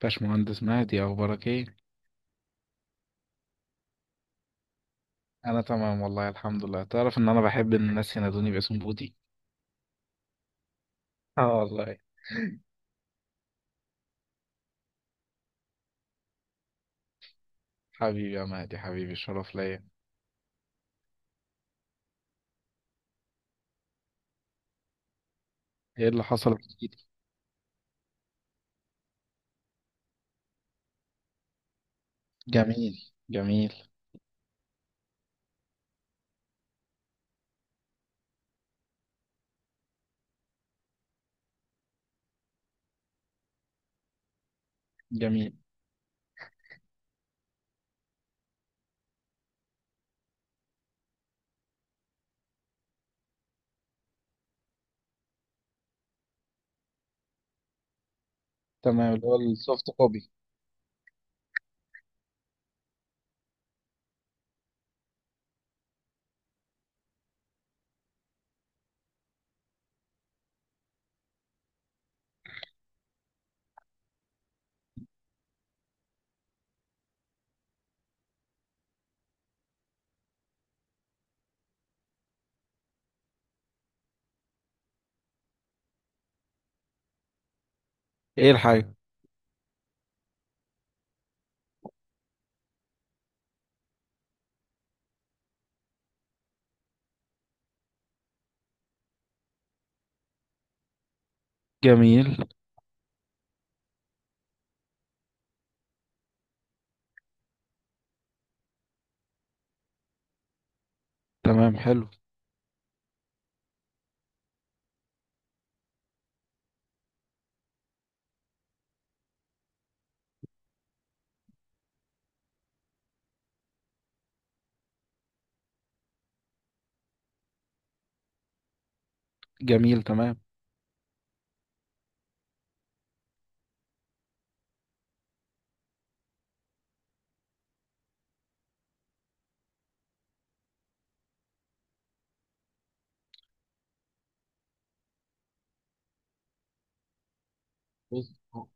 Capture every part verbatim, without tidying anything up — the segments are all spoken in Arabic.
باشمهندس مهدي، إيه اخبارك ايه؟ انا تمام والله الحمد لله. تعرف ان انا بحب ان الناس ينادوني باسم بودي. اه والله. حبيبي يا مهدي، حبيبي الشرف ليا. ايه اللي حصل جديد؟ جميل، جميل، جميل. تمام، اللي هو السوفت كوبي. ايه الحاجة؟ جميل، تمام، حلو. جميل، تمام. بص، هو-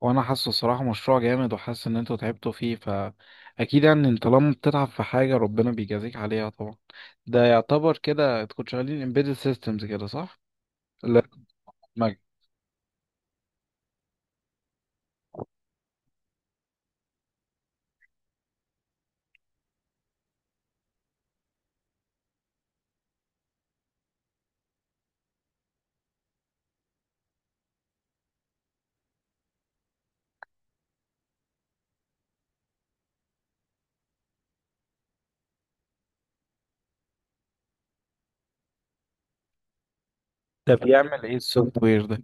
وانا حاسه صراحة مشروع جامد وحاسس ان انتوا تعبتوا فيه، فاكيد يعني انت لما بتتعب في حاجة ربنا بيجازيك عليها طبعا. ده يعتبر كده تكون شغالين embedded systems كده، صح؟ لا. ده بيعمل ايه السوفت وير ده؟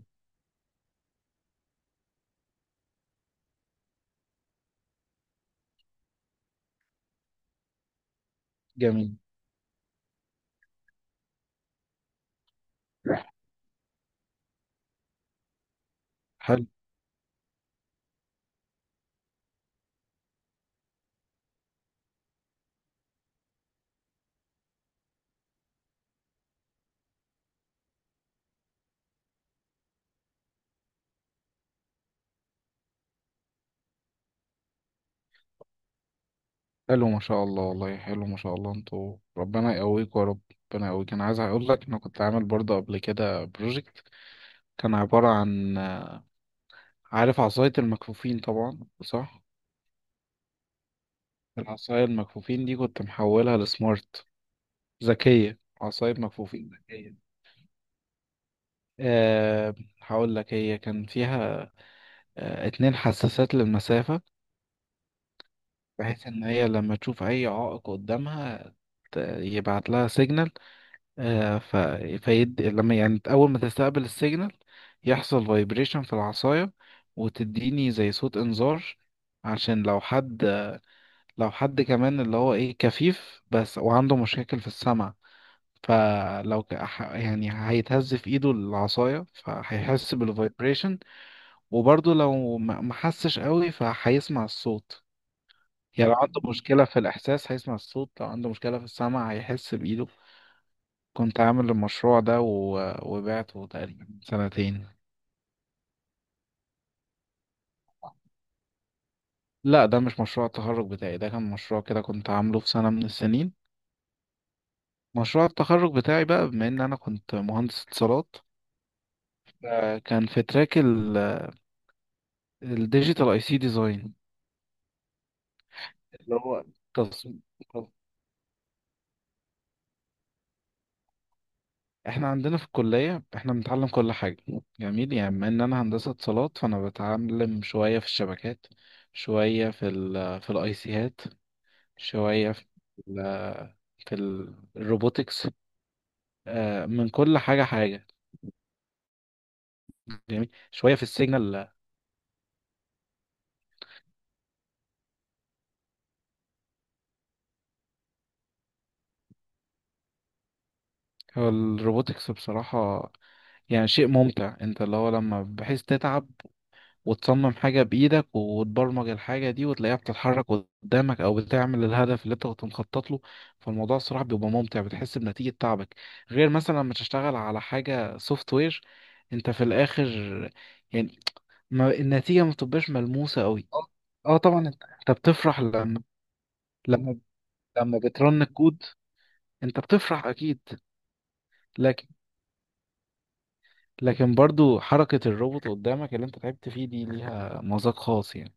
جميل. حلو، حلو ما شاء الله، والله حلو ما شاء الله، انتوا ربنا يقويكم يا رب. ربنا يقويك، انا عايز اقول لك انا كنت عامل برضه قبل كده بروجكت. كان عبارة عن. عارف عصاية المكفوفين طبعا، صح؟ العصاية المكفوفين دي كنت محولها لسمارت، ذكية، عصاية مكفوفين ذكية. أه. هقول لك هي كان فيها أه، اتنين حساسات للمسافة، بحيث ان هي لما تشوف اي عائق قدامها ت- يبعت لها سيجنال. آه، ف... فيد... لما يعني أول ما تستقبل السيجنال يحصل فايبريشن في العصاية، وتديني زي صوت إنذار، عشان لو حد، لو حد كمان اللي هو إيه كفيف بس وعنده مشاكل في السمع، فلو ك... ح- يعني هيتهز في إيده العصاية فهيحس بالفايبريشن، وبرضه لو ما ما حسش قوي فهيسمع الصوت. يعني لو عنده مشكلة في الإحساس هيسمع الصوت، لو عنده مشكلة في السمع هيحس بإيده. كنت عامل المشروع ده و... وبعته تقريبا من سنتين. لا، ده مش مشروع التخرج بتاعي، ده كان مشروع كده كنت عامله في سنة من السنين. مشروع التخرج بتاعي بقى، بما ان انا كنت مهندس اتصالات، آه، كان في تراك الديجيتال اي سي ديزاين، اللي هو تصميم. احنا عندنا في الكلية احنا بنتعلم كل حاجة. جميل، يعني بما ان انا هندسة اتصالات فانا بتعلم شوية في الشبكات، شوية في ال في الاي سيات، شوية في ال في الروبوتكس، آه، من كل حاجة حاجة. جميل، شوية في السيجنال. هو الروبوتكس بصراحة يعني شيء ممتع، انت اللي هو لما بحيث تتعب وتصمم حاجة بإيدك وتبرمج الحاجة دي وتلاقيها بتتحرك قدامك أو بتعمل الهدف اللي انت كنت مخطط له، فالموضوع الصراحة بيبقى ممتع، بتحس بنتيجة تعبك. غير مثلا لما تشتغل على حاجة سوفت وير، انت في الآخر يعني ما النتيجة ما بتبقاش ملموسة قوي. اه. اه طبعا، انت انت بتفرح لما لما لما بترن الكود، انت بتفرح اكيد. لكن لكن برضو حركة الروبوت قدامك اللي انت تعبت فيه دي ليها مذاق خاص يعني.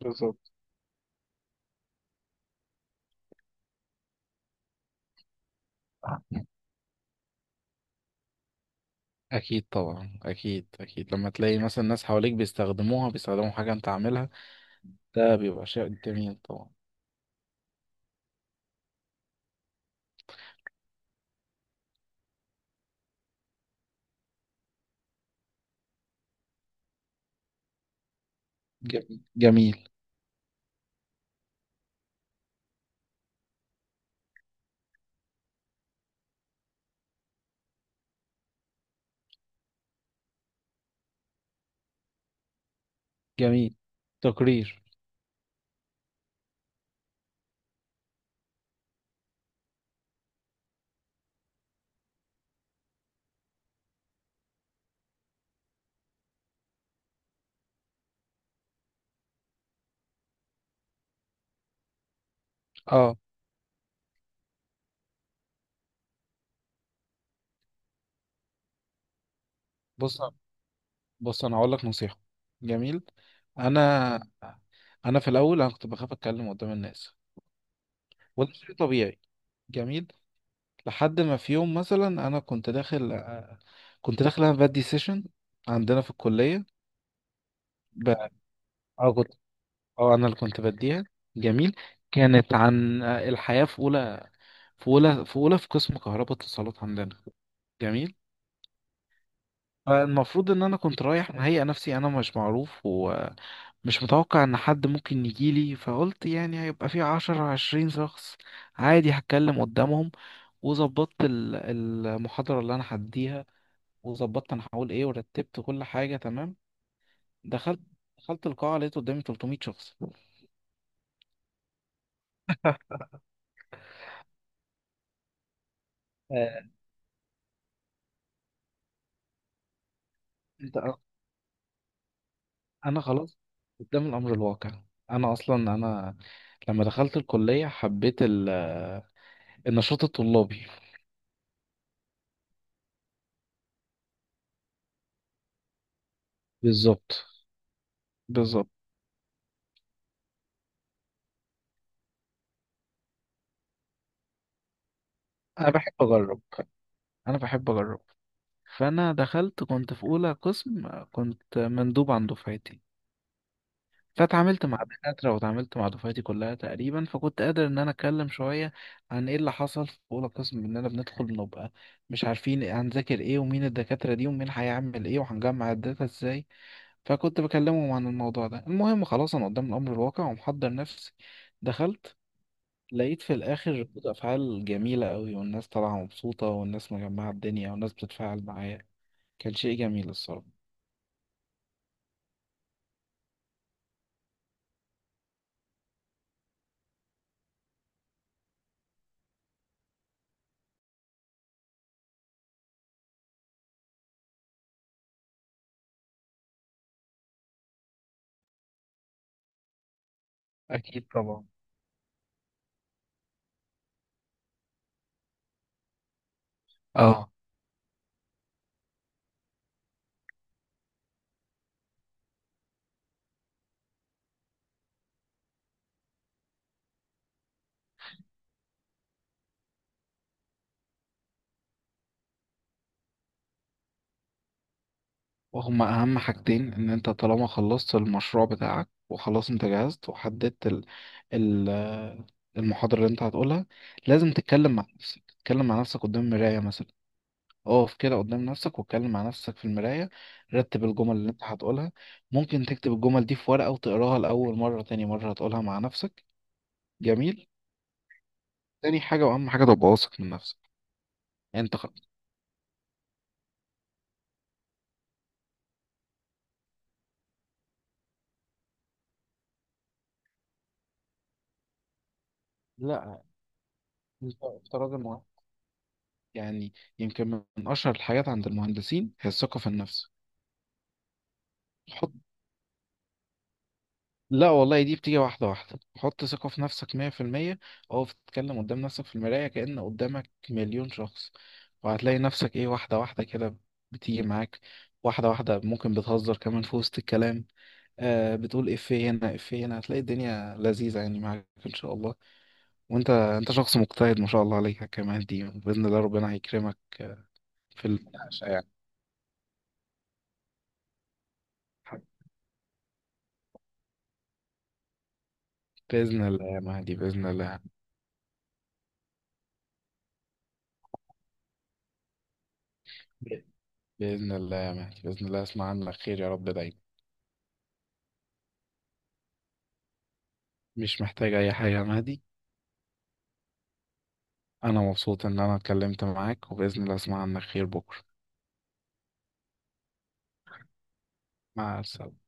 بالظبط، اكيد طبعا، اكيد اكيد لما تلاقي مثلا ناس حواليك بيستخدموها، بيستخدموا حاجة انت عاملها، ده بيبقى شيء جميل طبعا. جميل، جميل، جميل. تقرير. اه. بص، بص، انا هقول لك نصيحه. جميل. انا انا في الاول انا كنت بخاف اتكلم قدام الناس، وده شيء طبيعي. جميل. لحد ما في يوم مثلا انا كنت داخل، كنت داخل انا بدي سيشن عندنا في الكليه، ب... اه كنت، اه انا اللي كنت بديها. جميل. كانت عن الحياه في اولى، في اولى في اولى في قسم كهرباء اتصالات عندنا. جميل. فالمفروض ان انا كنت رايح مهيئ نفسي، انا مش معروف، مش متوقع ان حد ممكن يجيلي، فقلت يعني هيبقى في عشرة عشرين شخص عادي، هتكلم قدامهم. وظبطت ال- المحاضرة اللي انا هديها، وظبطت انا هقول ايه، ورتبت كل حاجة تمام. دخلت دخلت القاعة لقيت قدامي تلتمية شخص. آه، انت انا خلاص قدام الامر الواقع. انا اصلا انا لما دخلت الكلية حبيت ال- النشاط الطلابي. بالظبط، بالظبط، انا بحب اجرب، انا بحب اجرب. فانا دخلت، كنت في اولى قسم، كنت مندوب عن دفعتي، فاتعاملت مع دكاترة واتعاملت مع دفعتي كلها تقريبا، فكنت قادر ان انا اتكلم شوية عن ايه اللي حصل في اولى قسم، اننا بندخل بنبقى مش عارفين هنذاكر ايه، ومين الدكاترة دي، ومين هيعمل ايه، وهنجمع الداتا ازاي. فكنت بكلمهم عن الموضوع ده. المهم خلاص انا قدام الامر الواقع ومحضر نفسي، دخلت، لقيت في الاخر ردود افعال جميلة قوي، والناس طالعة مبسوطة، والناس مجمعة الدنيا، والناس بتتفاعل معايا. كان شيء جميل الصراحة. أكيد طبعا. اه. وهما أهم حاجتين، إن أنت طالما خلصت المشروع بتاعك وخلاص، أنت جهزت وحددت ال ال المحاضرة اللي أنت هتقولها، لازم تتكلم مع نفسك، تتكلم مع نفسك قدام المراية مثلا، اقف كده قدام نفسك واتكلم مع نفسك في المراية، رتب الجمل اللي أنت هتقولها. ممكن تكتب الجمل دي في ورقة وتقراها، لأول مرة تاني مرة هتقولها مع نفسك. جميل. تاني حاجة وأهم حاجة، تبقى واثق من نفسك. يعني أنت خ- لا انت افتراض يعني، يمكن، من أشهر الحاجات عند المهندسين هي الثقة في النفس. حط، لا والله، دي بتيجي واحدة واحدة، حط ثقة في نفسك مية في المية، أو تتكلم قدام نفسك في المراية كأن قدامك مليون شخص، وهتلاقي نفسك إيه واحدة واحدة كده بتيجي معاك، واحدة واحدة ممكن بتهزر كمان في وسط الكلام، آه بتقول إفيه هنا إفيه هنا، هتلاقي الدنيا لذيذة يعني معاك إن شاء الله. وأنت، أنت شخص مجتهد ما شاء الله عليك، كمان دي بإذن الله ربنا هيكرمك في المناقشة يعني. بإذن الله يا مهدي، بإذن الله. بإذن الله يا مهدي، بإذن الله أسمع عنك خير يا رب دايما. مش محتاج أي حاجة يا مهدي. أنا مبسوط إن أنا اتكلمت معاك، وبإذن الله أسمع عنك خير بكرة. مع السلامة.